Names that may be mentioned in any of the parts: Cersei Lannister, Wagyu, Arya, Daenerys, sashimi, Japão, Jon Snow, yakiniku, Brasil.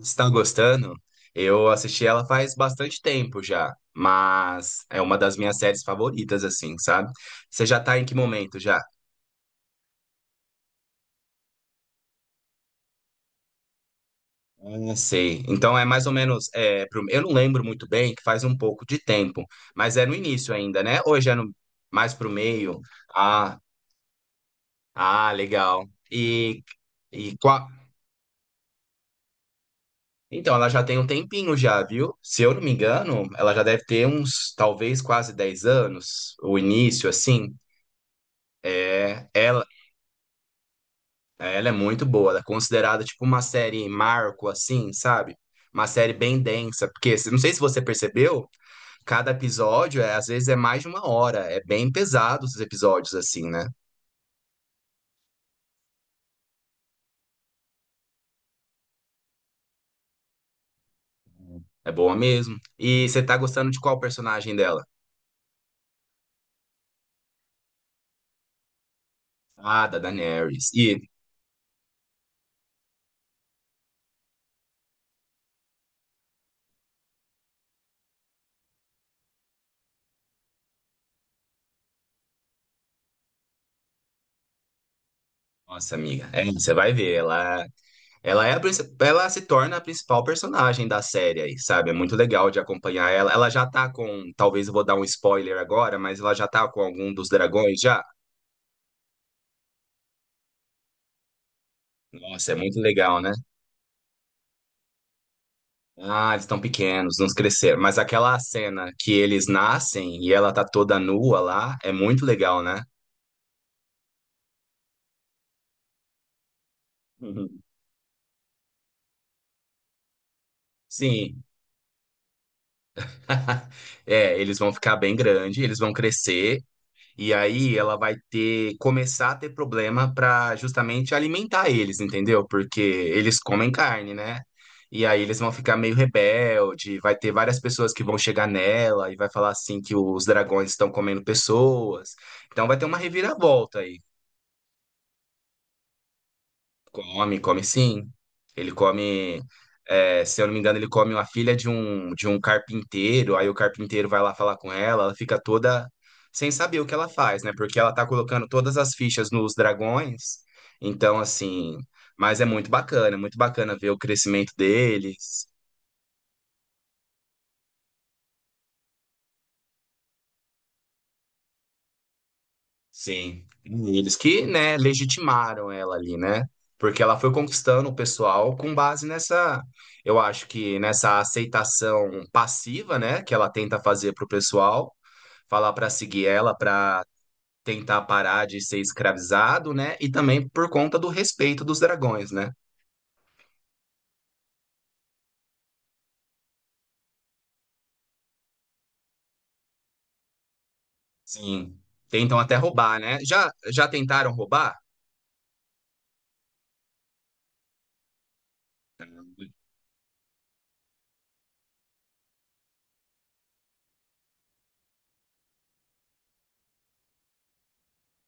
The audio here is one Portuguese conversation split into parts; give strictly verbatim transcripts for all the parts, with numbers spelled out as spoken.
Está gostando? Eu assisti ela faz bastante tempo já, mas é uma das minhas séries favoritas, assim, sabe? Você já tá em que momento já? Ah, sei. Então é mais ou menos. É, pro- eu não lembro muito bem, que faz um pouco de tempo, mas é no início ainda, né? Hoje é no... mais pro meio. Ah, ah, legal. E, e qual. Então, ela já tem um tempinho já, viu? Se eu não me engano, ela já deve ter uns, talvez, quase dez anos, o início, assim. É, ela, É, Ela é muito boa, ela é considerada tipo uma série marco, assim, sabe? Uma série bem densa, porque se- não sei se você percebeu, cada episódio é, às vezes é mais de uma hora, é bem pesado os episódios, assim, né? É boa mesmo. E você tá gostando de qual personagem dela? Ah, da Daenerys. E, nossa amiga, é, você vai ver, ela, ela é a, princi- ela se torna a principal personagem da série aí, sabe? É muito legal de acompanhar ela. Ela já tá com, talvez eu vou dar um spoiler agora, mas ela já tá com algum dos dragões já? Nossa, é muito legal, né? Ah, eles estão pequenos, não cresceram. Mas aquela cena que eles nascem e ela tá toda nua lá, é muito legal, né? Uhum. Sim. É, eles vão ficar bem grande, eles vão crescer. E aí ela vai ter começar a ter problema para justamente alimentar eles, entendeu? Porque eles comem carne, né? E aí eles vão ficar meio rebelde, vai ter várias pessoas que vão chegar nela e vai falar assim que os dragões estão comendo pessoas. Então vai ter uma reviravolta aí. Come, come sim. Ele come, é, se eu não me engano, ele come uma filha de um, de um carpinteiro, aí o carpinteiro vai lá falar com ela, ela fica toda sem saber o que ela faz, né? Porque ela tá colocando todas as fichas nos dragões. Então, assim, mas é muito bacana, é muito bacana ver o crescimento deles. Sim. E eles que, né, legitimaram ela ali, né? Porque ela foi conquistando o pessoal com base nessa, eu acho que nessa aceitação passiva, né, que ela tenta fazer pro pessoal, falar para seguir ela, para tentar parar de ser escravizado, né? E também por conta do respeito dos dragões, né? Sim. Tentam até roubar, né? Já já tentaram roubar?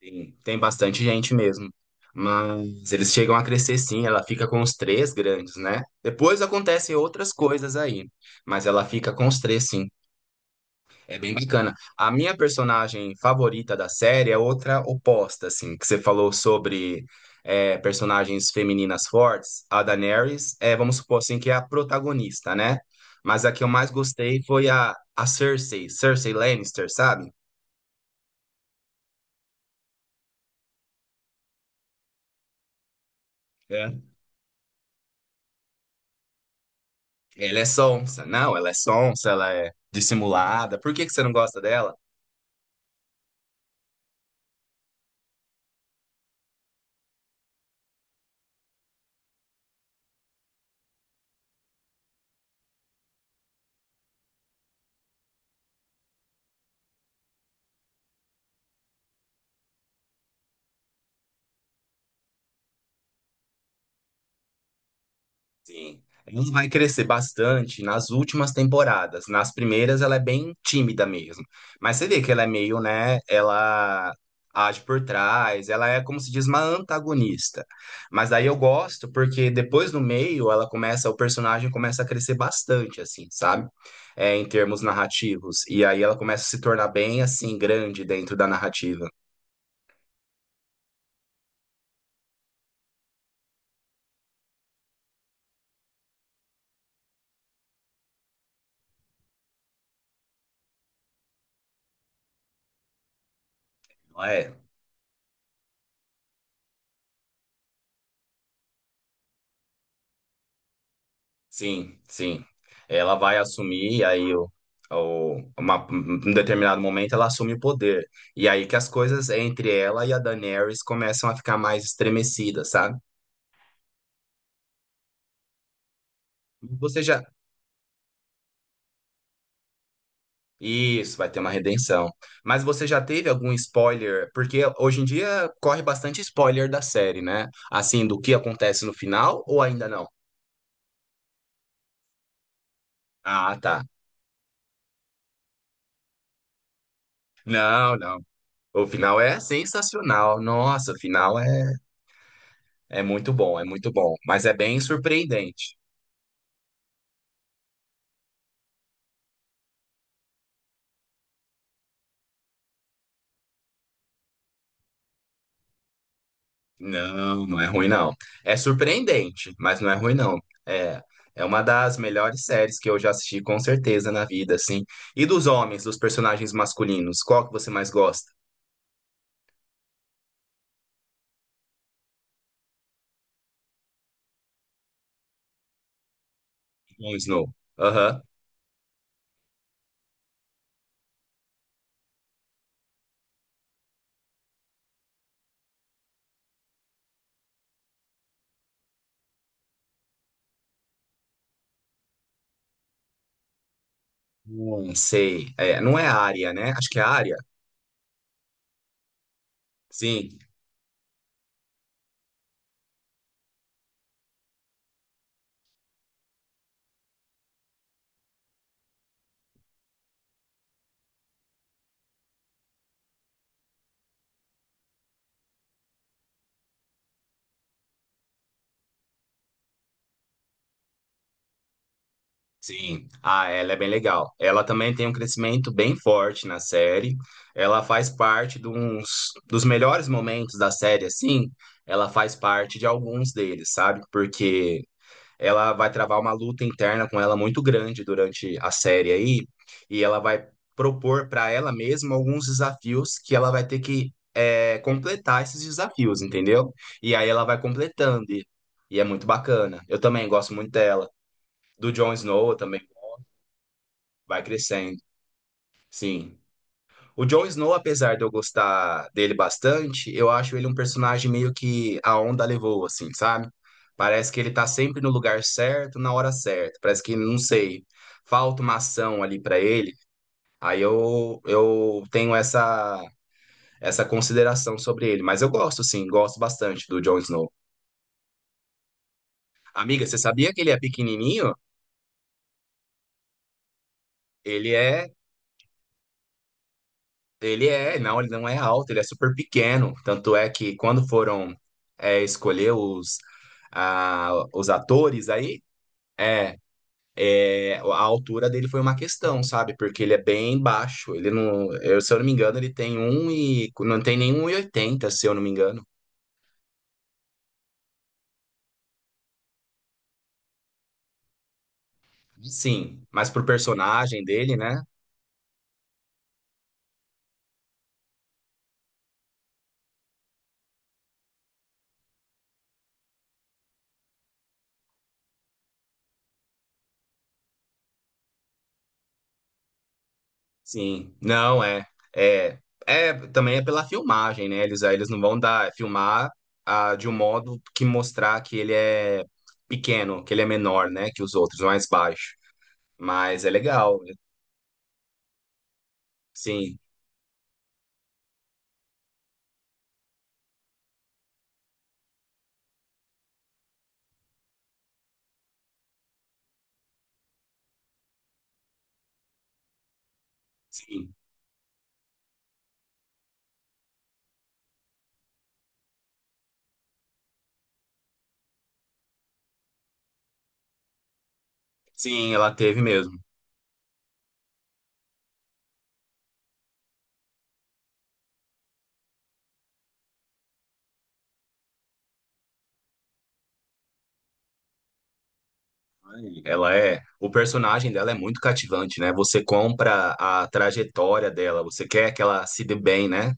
Tem, tem bastante gente mesmo. Mas eles chegam a crescer sim, ela fica com os três grandes, né? Depois acontecem outras coisas aí, mas ela fica com os três sim. É bem bacana. A minha personagem favorita da série é outra oposta, assim, que você falou sobre é, personagens femininas fortes. A Daenerys, é, vamos supor assim, que é a protagonista, né? Mas a que eu mais gostei foi a, a Cersei, Cersei Lannister, sabe? Ela é sonsa. Não, ela é sonsa, ela é dissimulada. Por que que você não gosta dela? Sim. Ela vai crescer bastante nas últimas temporadas. Nas primeiras, ela é bem tímida mesmo. Mas você vê que ela é meio, né? Ela age por trás, ela é, como se diz, uma antagonista. Mas daí eu gosto, porque depois no meio, ela começa, o personagem começa a crescer bastante, assim, sabe? É, em termos narrativos. E aí ela começa a se tornar bem, assim, grande dentro da narrativa. Não é? Sim, sim. Ela vai assumir, e aí o, o, uma, um determinado momento ela assume o poder. E aí que as coisas entre ela e a Daenerys começam a ficar mais estremecidas, sabe? Você já. Isso, vai ter uma redenção. Mas você já teve algum spoiler? Porque hoje em dia corre bastante spoiler da série, né? Assim, do que acontece no final ou ainda não? Ah, tá. Não, não. O final é sensacional. Nossa, o final é. É muito bom, é muito bom, mas é bem surpreendente. Não, não é ruim não. É surpreendente, mas não é ruim não. É, é uma das melhores séries que eu já assisti com certeza na vida, assim. E dos homens, dos personagens masculinos, qual que você mais gosta? Jon Snow. Aham. Hum, sei. É, não é a Arya, né? Acho que é a Arya. Sim. Sim, ah, ela é bem legal. Ela também tem um crescimento bem forte na série. Ela faz parte de uns- dos melhores momentos da série, assim. Ela faz parte de alguns deles, sabe? Porque ela vai travar uma luta interna com ela muito grande durante a série aí. E ela vai propor para ela mesma alguns desafios que ela vai ter que é, completar esses desafios, entendeu? E aí ela vai completando. E, e é muito bacana. Eu também gosto muito dela. Do Jon Snow eu também. Vai crescendo, sim. O Jon Snow, apesar de eu gostar dele bastante, eu acho ele um personagem meio que a onda levou, assim, sabe? Parece que ele tá sempre no lugar certo, na hora certa. Parece que, não sei, falta uma ação ali pra ele. Aí eu, eu tenho essa, essa consideração sobre ele. Mas eu gosto, sim, gosto bastante do Jon Snow. Amiga, você sabia que ele é pequenininho? Ele é Ele é, não, ele não é alto, ele é super pequeno. Tanto é que quando foram é, escolher os, ah, os atores aí, é, é, a altura dele foi uma questão, sabe? Porque ele é bem baixo. Ele não, eu, se eu não me engano, ele tem um e não tem nenhum um e oitenta, se eu não me engano. Sim, mas pro personagem dele, né? Sim, não é, é, é também é pela filmagem, né? Eles, eles não vão dar filmar ah, de um modo que mostrar que ele é pequeno, que ele é menor, né? Que os outros, mais baixo. Mas é legal, né? Sim, sim, sim, ela teve mesmo. Ela é, o personagem dela é muito cativante, né? Você compra a trajetória dela, você quer que ela se dê bem, né?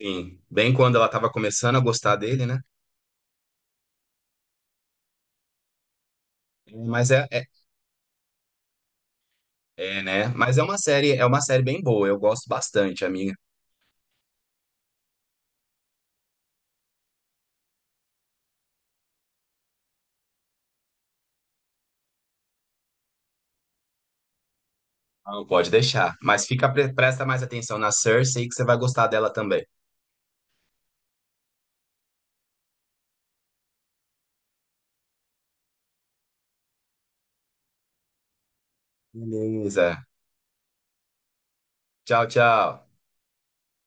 Sim, bem quando ela estava começando a gostar dele, né? Mas é, é É, né? Mas é uma série, é uma série bem boa, eu gosto bastante, amiga. Não pode deixar. Mas fica, pre- presta mais atenção na Cersei que você vai gostar dela também. Beleza. Tchau, tchau.